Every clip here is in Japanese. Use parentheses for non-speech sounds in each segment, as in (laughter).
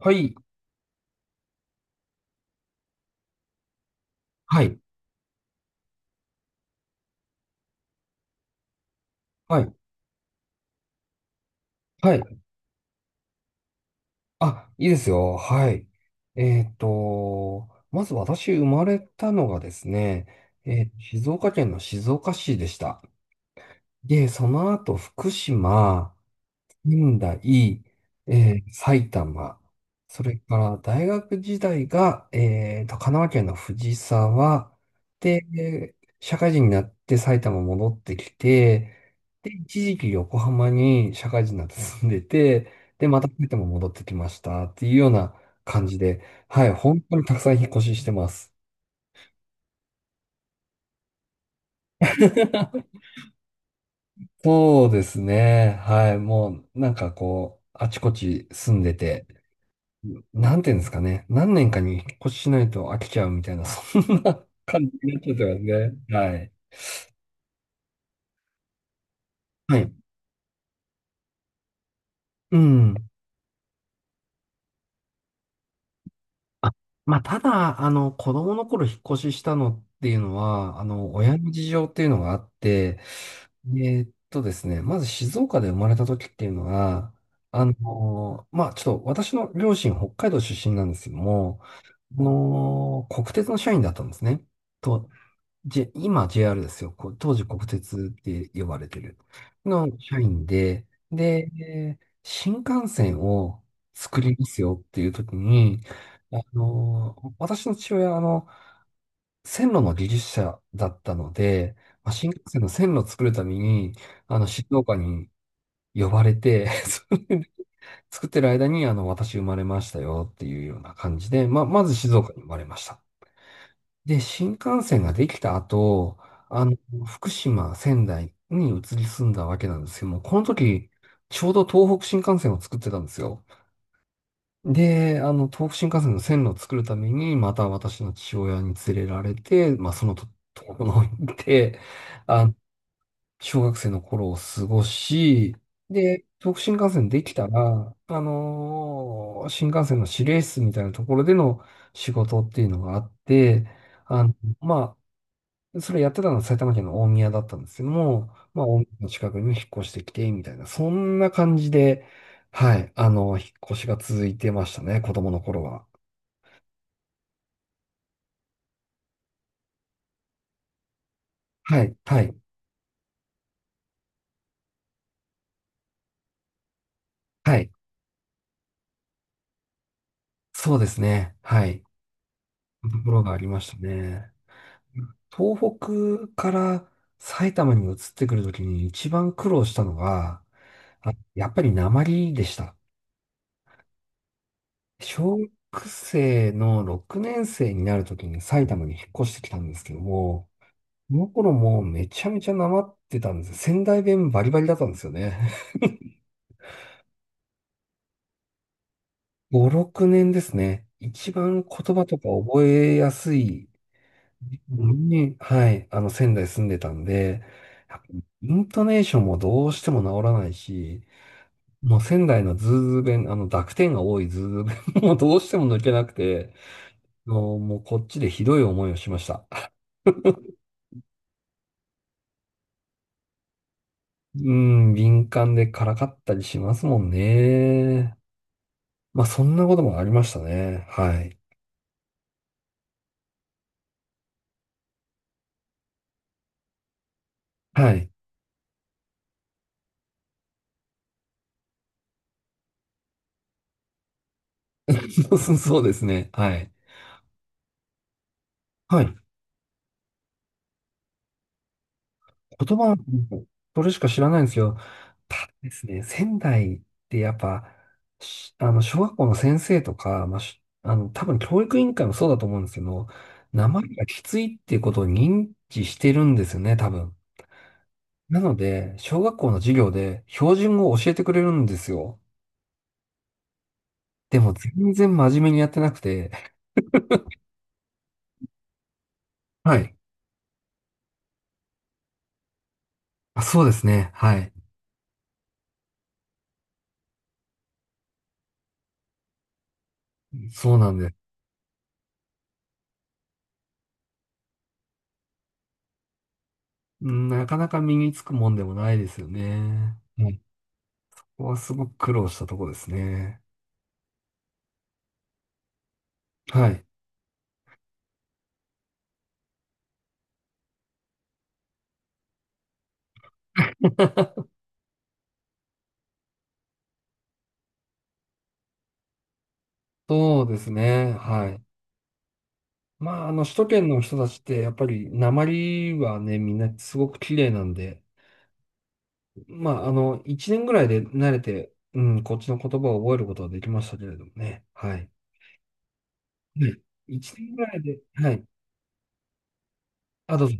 はい。はい。はい。はい。あ、いいですよ。はい。まず私生まれたのがですね、静岡県の静岡市でした。で、その後福島、仙台、埼玉、それから大学時代が、神奈川県の藤沢で、社会人になって埼玉戻ってきて、で、一時期横浜に社会人になって住んでて、で、また埼玉戻ってきましたっていうような感じで、はい、本当にたくさん引っ越ししてます。(laughs) そうですね。はい。もう、なんかこう、あちこち住んでて、なんていうんですかね。何年かに引っ越ししないと飽きちゃうみたいな、そんな感じになっちゃってますね。はい。はい。うん。あ、まあ、ただ、子供の頃引っ越ししたのっていうのは、親の事情っていうのがあって、ですね、まず静岡で生まれた時っていうのが、まあ、ちょっと私の両親北海道出身なんですけども、国鉄の社員だったんですね。と 今 JR ですよ。こう当時国鉄って呼ばれてる。の社員で、で、新幹線を作りますよっていう時に、私の父親は、線路の技術者だったので、まあ、新幹線の線路を作るために、静岡に呼ばれて、(laughs) それで作ってる間に、私生まれましたよっていうような感じで、まあ、まず静岡に生まれました。で、新幹線ができた後、あの、福島、仙台に移り住んだわけなんですけども、この時、ちょうど東北新幹線を作ってたんですよ。で、東北新幹線の線路を作るために、また私の父親に連れられて、まあ、そのと、東北の方に行って、あの、小学生の頃を過ごし、で、東北新幹線できたら、新幹線の指令室みたいなところでの仕事っていうのがあって、あの、まあ、それやってたのは埼玉県の大宮だったんですけども、まあ、大宮の近くにも引っ越してきて、みたいな、そんな感じで、はい、引っ越しが続いてましたね、子供の頃は。はい、はい、はい。そうですね。はい。ところがありましたね。東北から埼玉に移ってくるときに一番苦労したのが、やっぱり訛りでした。小学生の6年生になるときに埼玉に引っ越してきたんですけども、その頃もうめちゃめちゃなまってたんです。仙台弁バリバリだったんですよね。(laughs) 5、6年ですね。一番言葉とか覚えやすいのに、はい、仙台住んでたんで、やっぱイントネーションもどうしても治らないし、もう仙台のズーズー弁、濁点が多いズーズー弁 (laughs) もうどうしても抜けなくて、もうこっちでひどい思いをしました。うん、敏感でからかったりしますもんね。まあそんなこともありましたね。はい。はい。(laughs) そうですね。はい。はい。言葉、それしか知らないんですけど、ただですね、仙台ってやっぱ、小学校の先生とか、まあ、多分教育委員会もそうだと思うんですけど、名前がきついっていうことを認知してるんですよね、多分。なので、小学校の授業で標準語を教えてくれるんですよ。でも全然真面目にやってなくて、はい。あ、そうですね。はい。そうなんです。なかなか身につくもんでもないですよね。はい。ここはすごく苦労したとこですね。はい。そうですね。はい。まあ、首都圏の人たちって、やっぱり、鉛はね、みんなすごく綺麗なんで、まあ、一年ぐらいで慣れて、うん、こっちの言葉を覚えることはできましたけれどもね。はい。はい一年ぐらいで、はい。あ、どうぞ。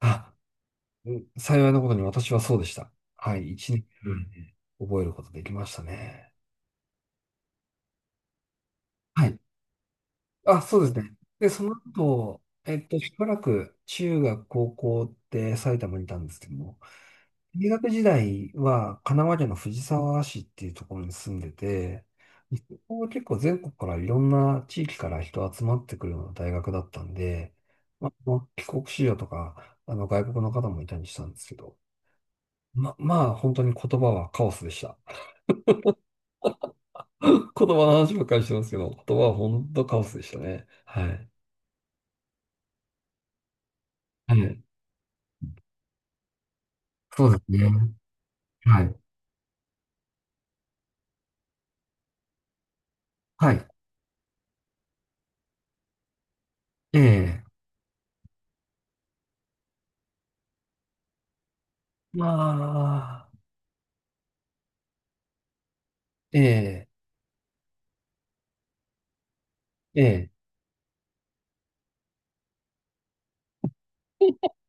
あ、うん幸いなことに私はそうでした。はい。一年うんぐらいで覚えることできましたね。はいあ、そうですね。で、その後、しばらく中学、高校って埼玉にいたんですけども、大学時代は神奈川県の藤沢市っていうところに住んでて、そこは結構全国からいろんな地域から人集まってくるような大学だったんで、まあ、帰国子女とか、外国の方もいたりしたんですけど、まあ本当に言葉はカオスでした。(laughs) 言葉の話ばっかりしてますけど、言葉は本当カオスでしたね。はい。はい。そうですね。はい。はい。ええ。まあ、ええ。ええ。(laughs)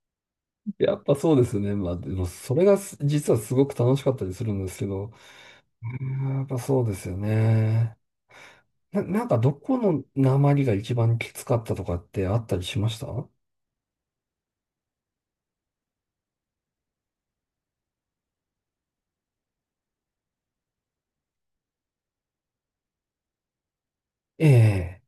やっぱそうですね。まあ、でもそれが実はすごく楽しかったりするんですけど、うんやっぱそうですよね。なんかどこの訛りが一番きつかったとかってあったりしましたええ。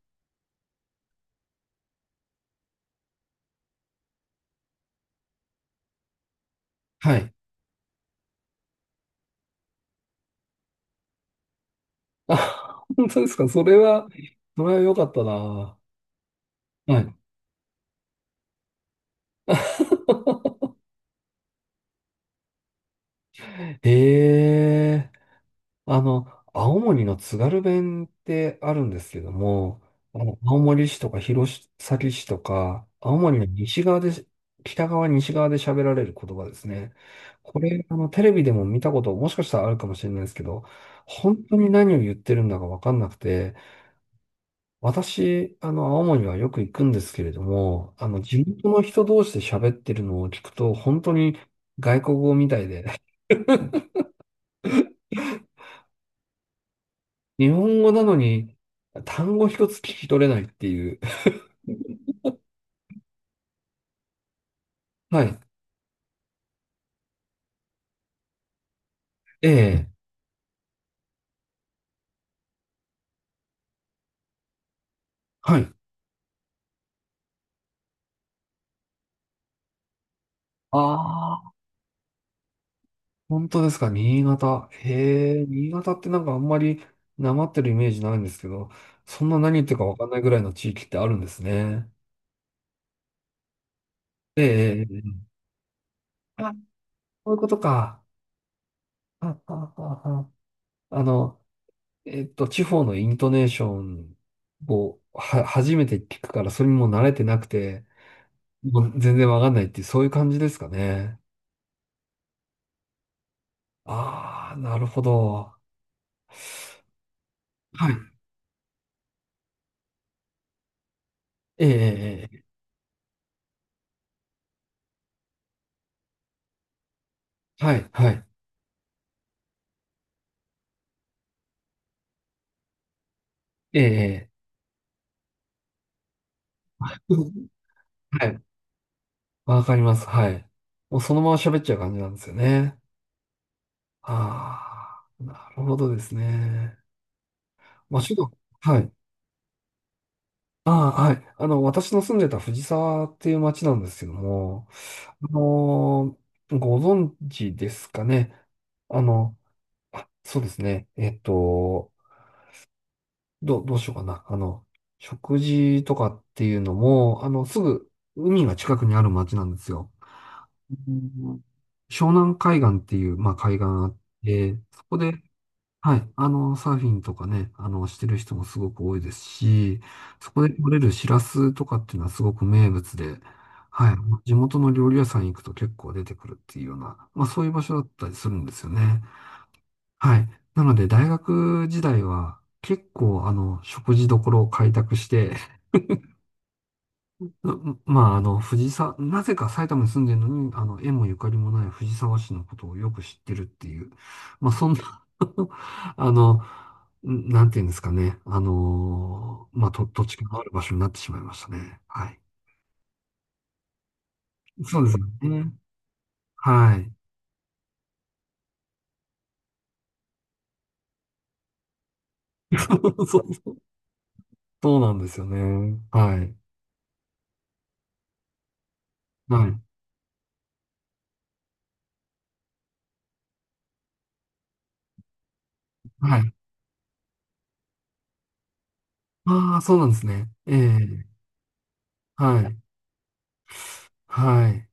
はい。あ、本当ですか。それは、それは良かったな。はい。(laughs) ええ。あの、青森の津軽弁ってあるんですけども、青森市とか弘前市とか、青森の西側で、北側、西側で喋られる言葉ですね。これ、テレビでも見たこと、もしかしたらあるかもしれないですけど、本当に何を言ってるんだかわかんなくて、私、青森はよく行くんですけれども、地元の人同士で喋ってるのを聞くと、本当に外国語みたいで、(laughs) 日本語なのに単語一つ聞き取れないっていう、はい。ええ。はい。ああ、本当ですか、新潟。へえ、新潟ってなんかあんまりなまってるイメージないんですけど、そんな何言ってるかわかんないぐらいの地域ってあるんですね。ええ、ええあ、こういうことか。あ、あ、あ、ああの、地方のイントネーションをは、初めて聞くから、それにもう慣れてなくて、もう全然わかんないっていう、そういう感じですかね。ああ、なるほど。はい。ええ、ええええはい、はい。ええ、ええうんはい。わかります。はい。もうそのまま喋っちゃう感じなんですよね。ああ、なるほどですね。まあ、ちょっと、はい。ああ、はい。私の住んでた藤沢っていう町なんですけども、あのご存知ですかね。あの、あ、そうですね。どうしようかな。食事とかっていうのも、すぐ海が近くにある町なんですよ。うん湘南海岸っていう、まあ、海岸あって、そこで、はい、サーフィンとかね、してる人もすごく多いですし、そこで取れるシラスとかっていうのはすごく名物で、はい、地元の料理屋さん行くと結構出てくるっていうような、まあ、そういう場所だったりするんですよね。はい。なので、大学時代は結構、食事処を開拓してまあ、藤沢、なぜか埼玉に住んでるのに、縁もゆかりもない藤沢市のことをよく知ってるっていう、まあ、そんな (laughs) あの、なんていうんですかね、まあ、土地がある場所になってしまいましたね。はい。そうですよね。はい。(laughs) そう、そうなんですよね。はい。はい。はい。ああ、そうなんですね。ええはい。はい。